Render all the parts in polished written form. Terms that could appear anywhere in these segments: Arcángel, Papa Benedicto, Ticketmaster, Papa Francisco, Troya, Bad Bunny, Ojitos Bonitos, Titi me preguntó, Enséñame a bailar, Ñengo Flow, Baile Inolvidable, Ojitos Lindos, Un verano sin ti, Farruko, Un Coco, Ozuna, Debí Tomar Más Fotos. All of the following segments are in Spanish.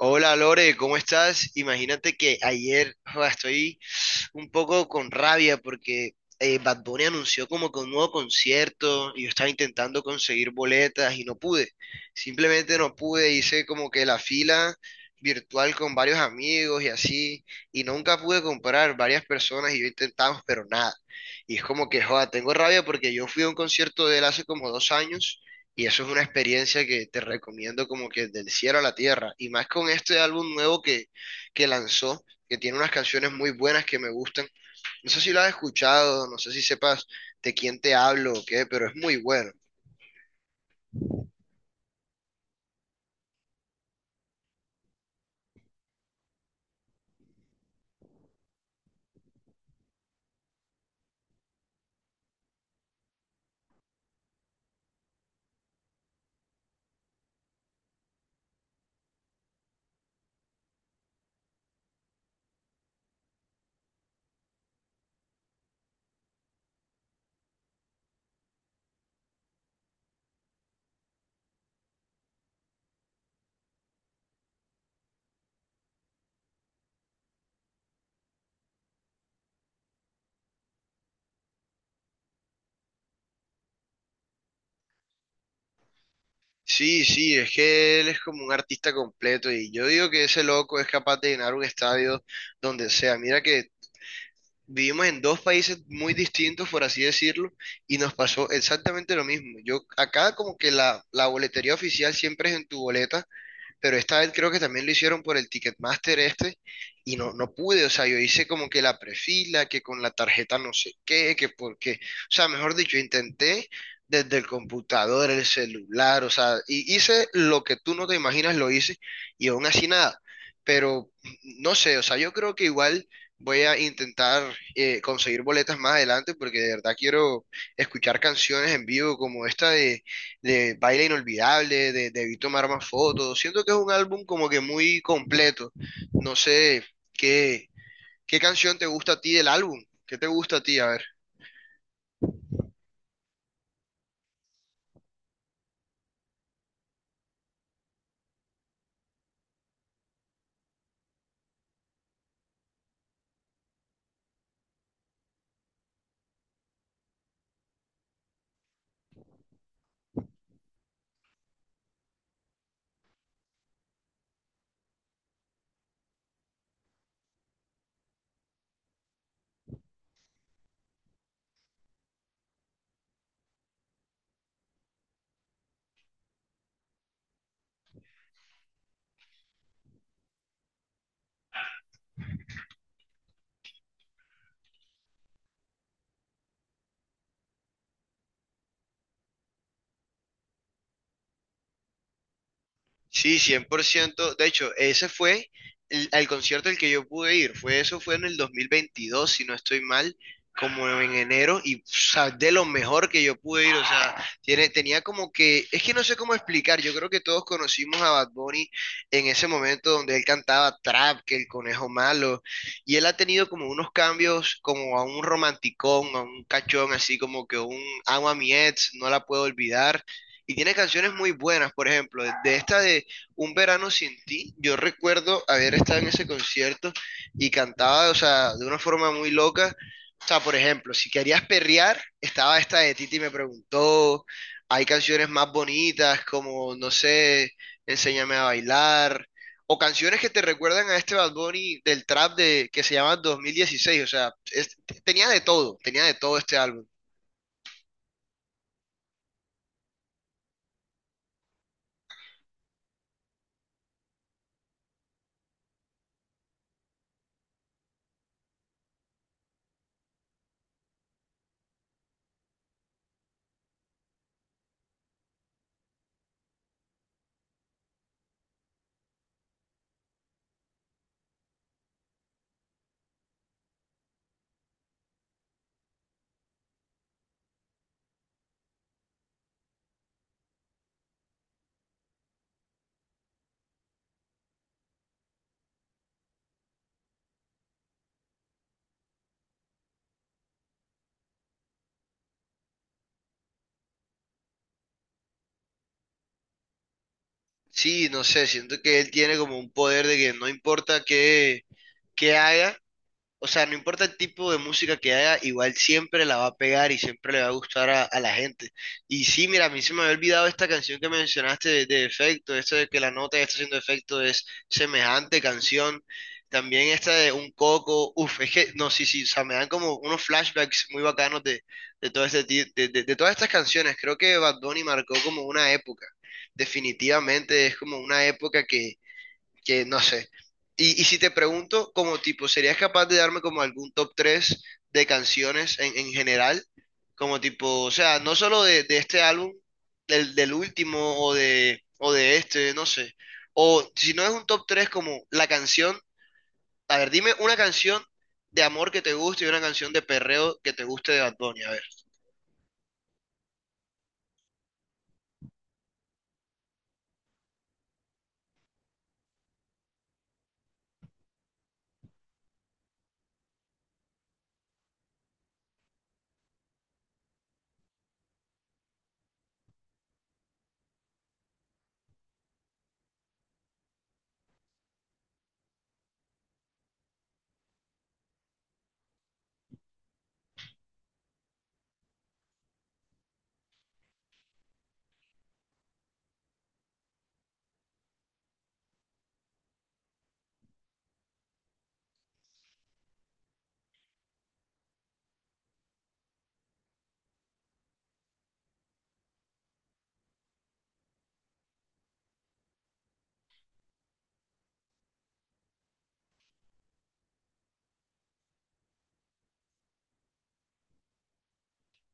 Hola Lore, ¿cómo estás? Imagínate que ayer joda, estoy un poco con rabia porque Bad Bunny anunció como que un nuevo concierto y yo estaba intentando conseguir boletas y no pude. Simplemente no pude, hice como que la fila virtual con varios amigos y así y nunca pude comprar varias personas y yo intentamos, pero nada. Y es como que, joda, tengo rabia porque yo fui a un concierto de él hace como dos años y eso es una experiencia que te recomiendo como que del cielo a la tierra. Y más con este álbum nuevo que lanzó, que tiene unas canciones muy buenas que me gustan. No sé si lo has escuchado, no sé si sepas de quién te hablo o qué, pero es muy bueno. Sí, sí, es que él es como un artista completo y yo digo que ese loco es capaz de llenar un estadio donde sea. Mira que vivimos en dos países muy distintos, por así decirlo, y nos pasó exactamente lo mismo. Yo acá como que la boletería oficial siempre es en tu boleta, pero esta vez creo que también lo hicieron por el Ticketmaster este y no, no pude. O sea, yo hice como que la prefila, que con la tarjeta no sé qué, que porque, o sea, mejor dicho, intenté desde el computador, el celular, o sea, y hice lo que tú no te imaginas, lo hice y aún así nada, pero no sé, o sea, yo creo que igual... Voy a intentar conseguir boletas más adelante porque de verdad quiero escuchar canciones en vivo como esta de Baile Inolvidable, de Debí Tomar Más Fotos. Siento que es un álbum como que muy completo. No sé qué, qué canción te gusta a ti del álbum. ¿Qué te gusta a ti? A ver. Sí, 100%. De hecho, ese fue el, al concierto al que yo pude ir. Fue eso, fue en el 2022, si no estoy mal, como en enero. Y, o sea, de lo mejor que yo pude ir. O sea, tiene, tenía como que, es que no sé cómo explicar. Yo creo que todos conocimos a Bad Bunny en ese momento donde él cantaba Trap, que el conejo malo. Y él ha tenido como unos cambios, como a un romanticón, a un cachón, así como que un amo a mi ex, no la puedo olvidar, y tiene canciones muy buenas, por ejemplo, de esta de Un verano sin ti. Yo recuerdo haber estado en ese concierto y cantaba, o sea, de una forma muy loca. O sea, por ejemplo, si querías perrear, estaba esta de Titi me preguntó. Hay canciones más bonitas como, no sé, Enséñame a bailar. O canciones que te recuerdan a este Bad Bunny del trap de, que se llama 2016. O sea, tenía de todo este álbum. Sí, no sé, siento que él tiene como un poder de que no importa qué, qué haga, o sea, no importa el tipo de música que haga, igual siempre la va a pegar y siempre le va a gustar a la gente. Y sí, mira, a mí se me había olvidado esta canción que mencionaste de efecto, esto de que la nota que está haciendo efecto es semejante canción. También esta de Un Coco, uff, es que, no, sí, sí, o sea, me dan como unos flashbacks muy bacanos de, de todas estas canciones. Creo que Bad Bunny marcó como una época. Definitivamente es como una época que no sé. Y si te pregunto, como tipo, ¿serías capaz de darme como algún top 3 de canciones en general? Como tipo, o sea, no solo de este álbum, del, del último o de este, no sé. O si no es un top 3 como la canción, a ver, dime una canción de amor que te guste y una canción de perreo que te guste de Bad Bunny, a ver.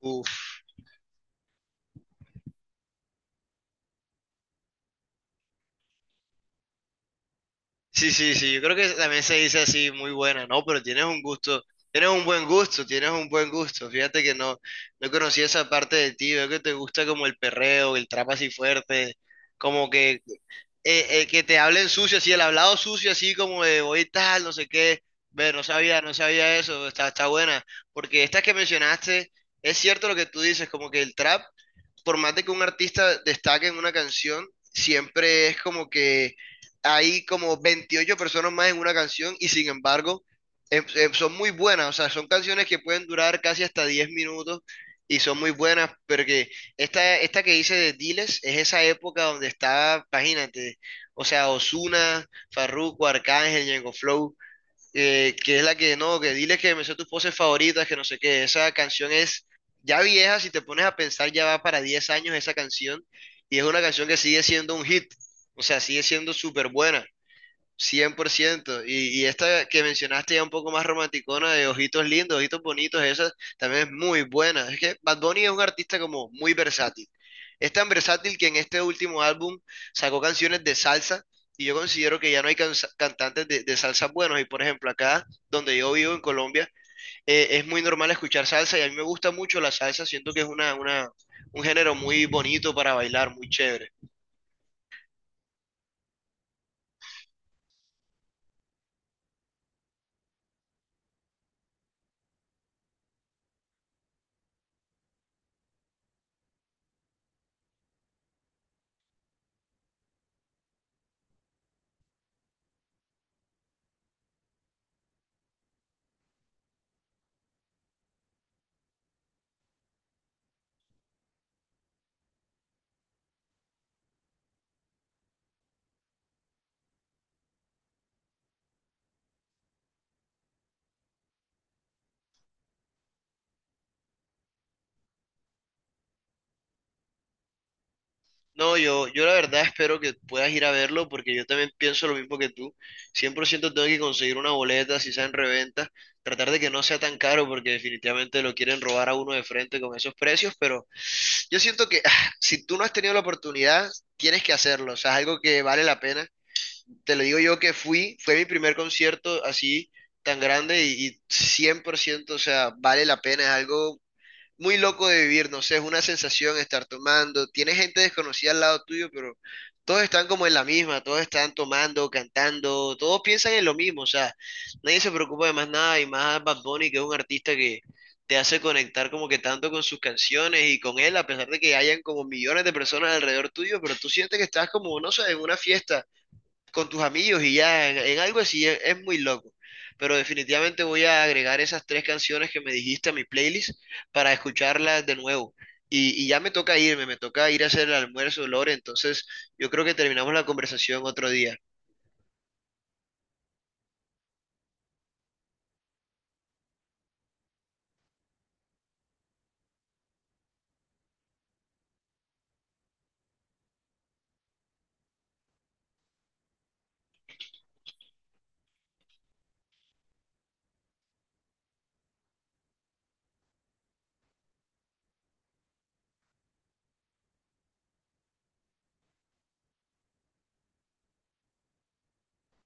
Uf. Sí, sí, sí, yo creo que también se dice así, muy buena, ¿no? Pero tienes un gusto, tienes un buen gusto, tienes un buen gusto. Fíjate que no, no conocí esa parte de ti, veo que te gusta como el perreo, el trap así fuerte, como que te hablen sucio, así el hablado sucio, así como de hoy tal, no sé qué. Ve, no sabía, no sabía eso, está, está buena. Porque estas que mencionaste, es cierto lo que tú dices, como que el trap por más de que un artista destaque en una canción, siempre es como que hay como 28 personas más en una canción y sin embargo son muy buenas, o sea, son canciones que pueden durar casi hasta 10 minutos y son muy buenas, porque esta que hice de Diles es esa época donde está, imagínate, o sea, Ozuna, Farruko, Arcángel, Ñengo Flow, que es la que no, que dile que me sé tus poses favoritas, que no sé qué. Esa canción es ya vieja, si te pones a pensar, ya va para 10 años esa canción, y es una canción que sigue siendo un hit, o sea, sigue siendo súper buena, cien por ciento. Y esta que mencionaste ya un poco más romanticona, de Ojitos Lindos, Ojitos Bonitos, esa también es muy buena. Es que Bad Bunny es un artista como muy versátil. Es tan versátil que en este último álbum sacó canciones de salsa y yo considero que ya no hay cantantes de salsa buenos. Y por ejemplo, acá donde yo vivo en Colombia, es muy normal escuchar salsa y a mí me gusta mucho la salsa. Siento que es un género muy bonito para bailar, muy chévere. No, yo la verdad espero que puedas ir a verlo porque yo también pienso lo mismo que tú. Cien por ciento. Tengo que conseguir una boleta, si sea en reventa, tratar de que no sea tan caro porque definitivamente lo quieren robar a uno de frente con esos precios, pero yo siento que ah, si tú no has tenido la oportunidad, tienes que hacerlo, o sea, es algo que vale la pena. Te lo digo yo que fui, fue mi primer concierto así tan grande y 100%, o sea, vale la pena, es algo muy loco de vivir, no sé, es una sensación estar tomando, tienes gente desconocida al lado tuyo, pero todos están como en la misma, todos están tomando, cantando, todos piensan en lo mismo, o sea, nadie se preocupa de más nada y más Bad Bunny, que es un artista que te hace conectar como que tanto con sus canciones y con él, a pesar de que hayan como millones de personas alrededor tuyo, pero tú sientes que estás como, no sé, en una fiesta con tus amigos y ya en algo así es muy loco. Pero definitivamente voy a agregar esas tres canciones que me dijiste a mi playlist para escucharlas de nuevo. Y ya me toca irme, me toca ir a hacer el almuerzo, Lore. Entonces yo creo que terminamos la conversación otro día.